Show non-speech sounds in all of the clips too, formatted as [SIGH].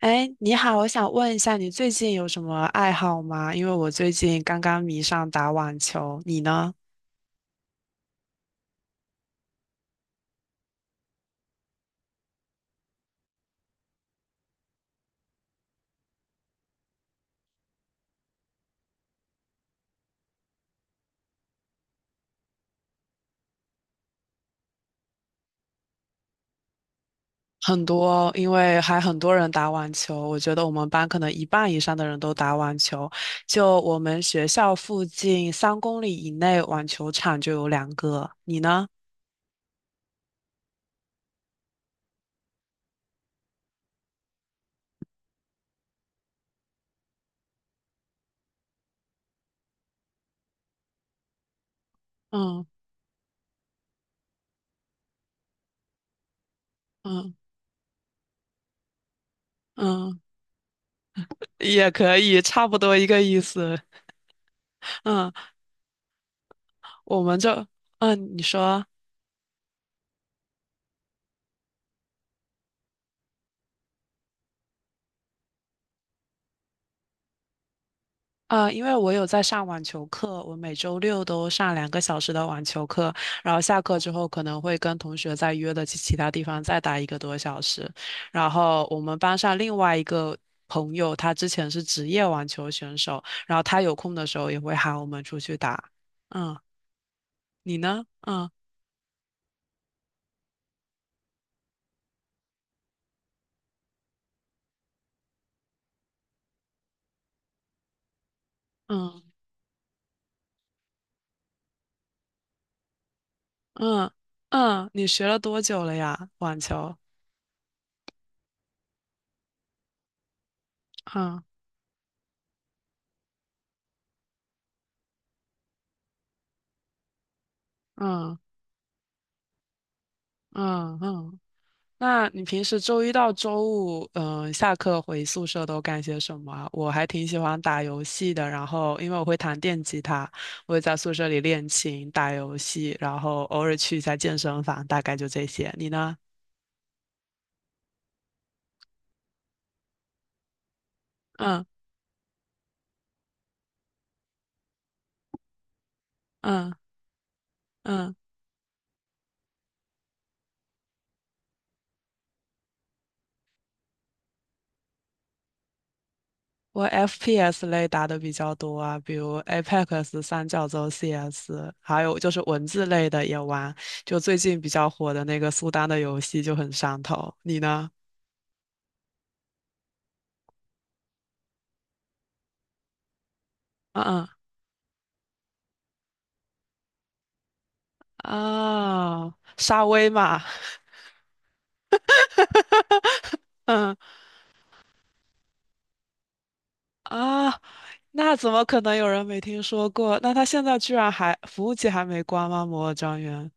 哎，你好，我想问一下，你最近有什么爱好吗？因为我最近刚刚迷上打网球，你呢？很多，因为还很多人打网球，我觉得我们班可能一半以上的人都打网球。就我们学校附近3公里以内网球场就有两个，你呢？嗯嗯嗯，也可以，差不多一个意思。[LAUGHS] 嗯，我们就，你说。啊，因为我有在上网球课，我每周六都上2个小时的网球课，然后下课之后可能会跟同学再约的去其他地方再打1个多小时。然后我们班上另外一个朋友，他之前是职业网球选手，然后他有空的时候也会喊我们出去打。嗯，你呢？嗯嗯嗯嗯，你学了多久了呀？网球？嗯嗯嗯嗯。那你平时周一到周五，下课回宿舍都干些什么啊。我还挺喜欢打游戏的，然后因为我会弹电吉他，我会在宿舍里练琴、打游戏，然后偶尔去一下健身房，大概就这些。你呢？嗯嗯嗯，我 FPS 类打的比较多啊，比如 Apex、三角洲 CS，还有就是文字类的也玩，就最近比较火的那个苏丹的游戏就很上头。你呢？嗯嗯。啊，沙威玛，嗯啊，那怎么可能有人没听说过？那他现在居然还服务器还没关吗？摩尔庄园？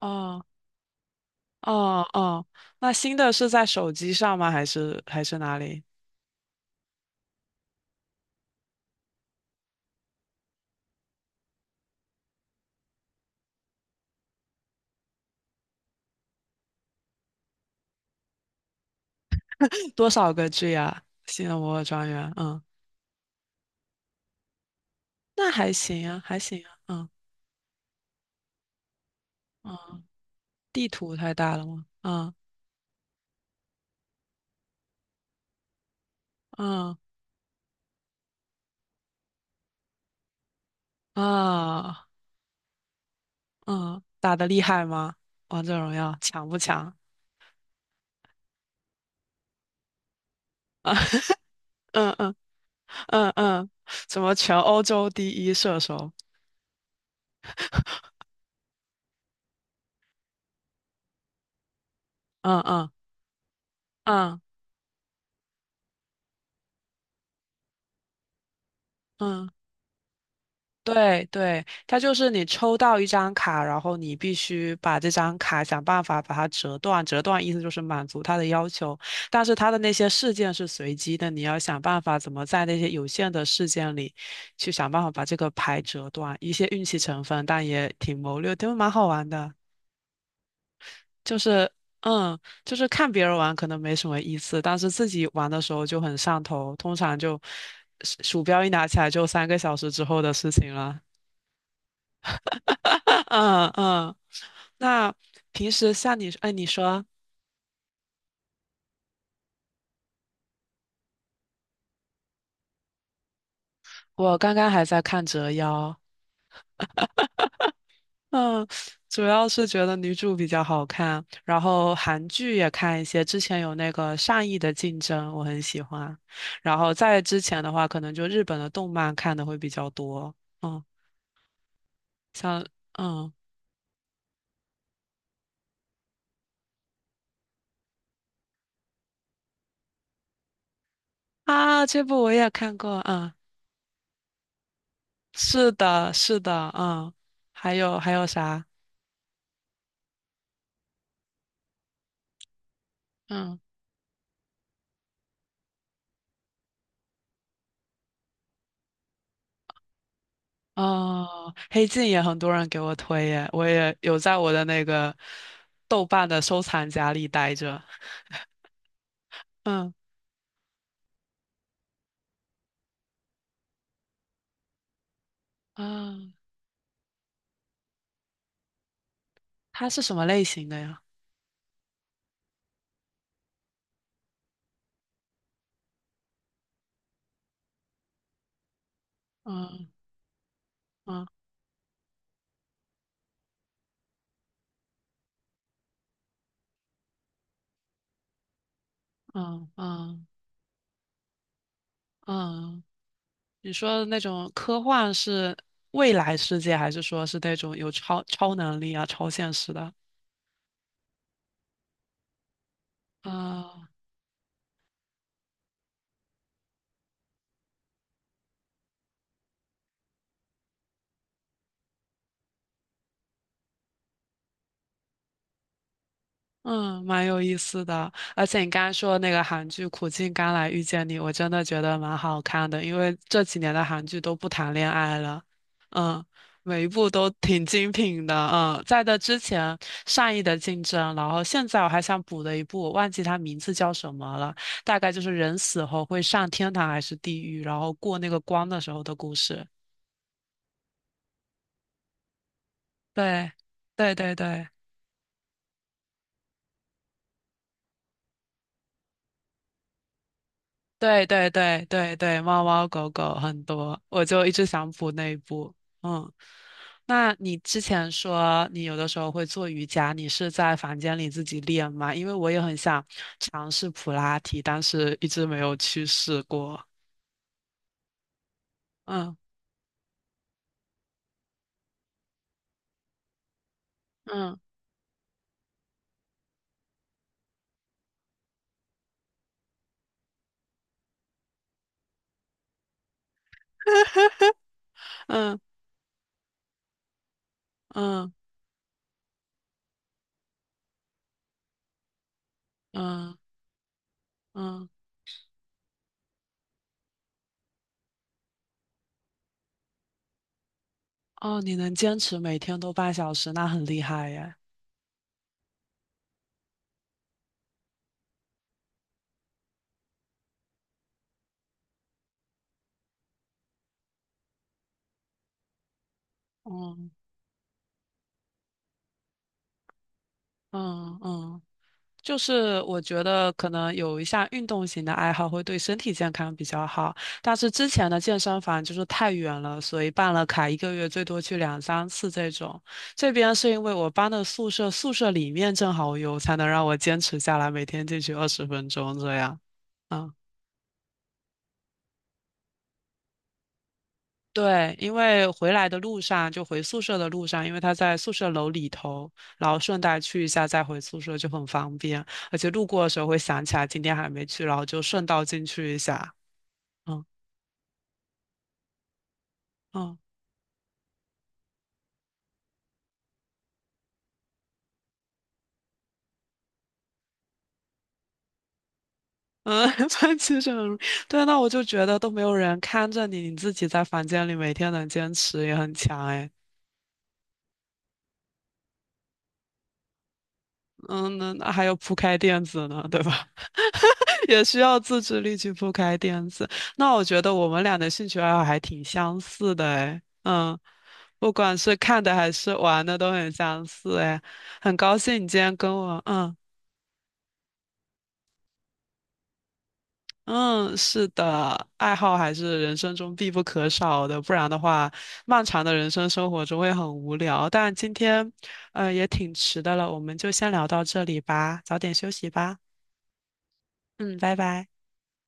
哦哦哦，那新的是在手机上吗？还是还是哪里？多少个 G 啊？新的摩尔庄园，嗯，那还行啊，还行啊，嗯嗯，地图太大了吗？嗯嗯啊嗯，打得厉害吗？王者荣耀强不强？[LAUGHS] 嗯嗯。嗯嗯，什么全欧洲第一射手？嗯嗯嗯嗯，对对，它就是你抽到一张卡，然后你必须把这张卡想办法把它折断，折断意思就是满足他的要求，但是他的那些事件是随机的，你要想办法怎么在那些有限的事件里去想办法把这个牌折断，一些运气成分，但也挺谋略，挺蛮好玩的。就是嗯，就是看别人玩可能没什么意思，但是自己玩的时候就很上头，通常就鼠标一拿起来就3个小时之后的事情了。[LAUGHS] 嗯嗯，那平时像你，哎，你说我刚刚还在看《折腰》，嗯，主要是觉得女主比较好看，然后韩剧也看一些，之前有那个《善意的竞争》，我很喜欢，然后在之前的话，可能就日本的动漫看的会比较多。嗯小，嗯啊，这部我也看过，嗯，是的，是的，嗯，还有还有啥？嗯哦，《黑镜》也很多人给我推耶，我也有在我的那个豆瓣的收藏夹里待着。嗯啊，它是什么类型的呀？嗯嗯嗯嗯嗯，你说的那种科幻是未来世界，还是说是那种有超能力啊、超现实的？啊嗯，蛮有意思的。而且你刚刚说的那个韩剧《苦尽甘来遇见你》，我真的觉得蛮好看的，因为这几年的韩剧都不谈恋爱了，嗯，每一部都挺精品的。嗯，在的之前善意的竞争，然后现在我还想补的一部，我忘记它名字叫什么了，大概就是人死后会上天堂还是地狱，然后过那个光的时候的故事。对，对对对。对对对对对，猫猫狗狗很多，我就一直想补那一步。嗯，那你之前说你有的时候会做瑜伽，你是在房间里自己练吗？因为我也很想尝试普拉提，但是一直没有去试过。嗯嗯 [LAUGHS] 嗯嗯嗯嗯，哦，你能坚持每天都半小时，那很厉害耶。嗯嗯嗯。就是我觉得可能有一项运动型的爱好会对身体健康比较好，但是之前的健身房就是太远了，所以办了卡1个月最多去两三次这种。这边是因为我搬的宿舍，宿舍里面正好有，才能让我坚持下来，每天进去20分钟这样。啊。对，因为回来的路上，就回宿舍的路上，因为他在宿舍楼里头，然后顺带去一下再回宿舍就很方便，而且路过的时候会想起来今天还没去，然后就顺道进去一下。嗯嗯嗯，[LAUGHS] 反正对，那我就觉得都没有人看着你，你自己在房间里每天能坚持也很强哎。嗯，那还有铺开垫子呢，对吧？[LAUGHS] 也需要自制力去铺开垫子。那我觉得我们俩的兴趣爱好还挺相似的，哎。嗯，不管是看的还是玩的都很相似，哎。很高兴你今天跟我，嗯嗯，是的，爱好还是人生中必不可少的，不然的话，漫长的人生生活中会很无聊。但今天，也挺迟的了，我们就先聊到这里吧，早点休息吧，嗯，拜拜。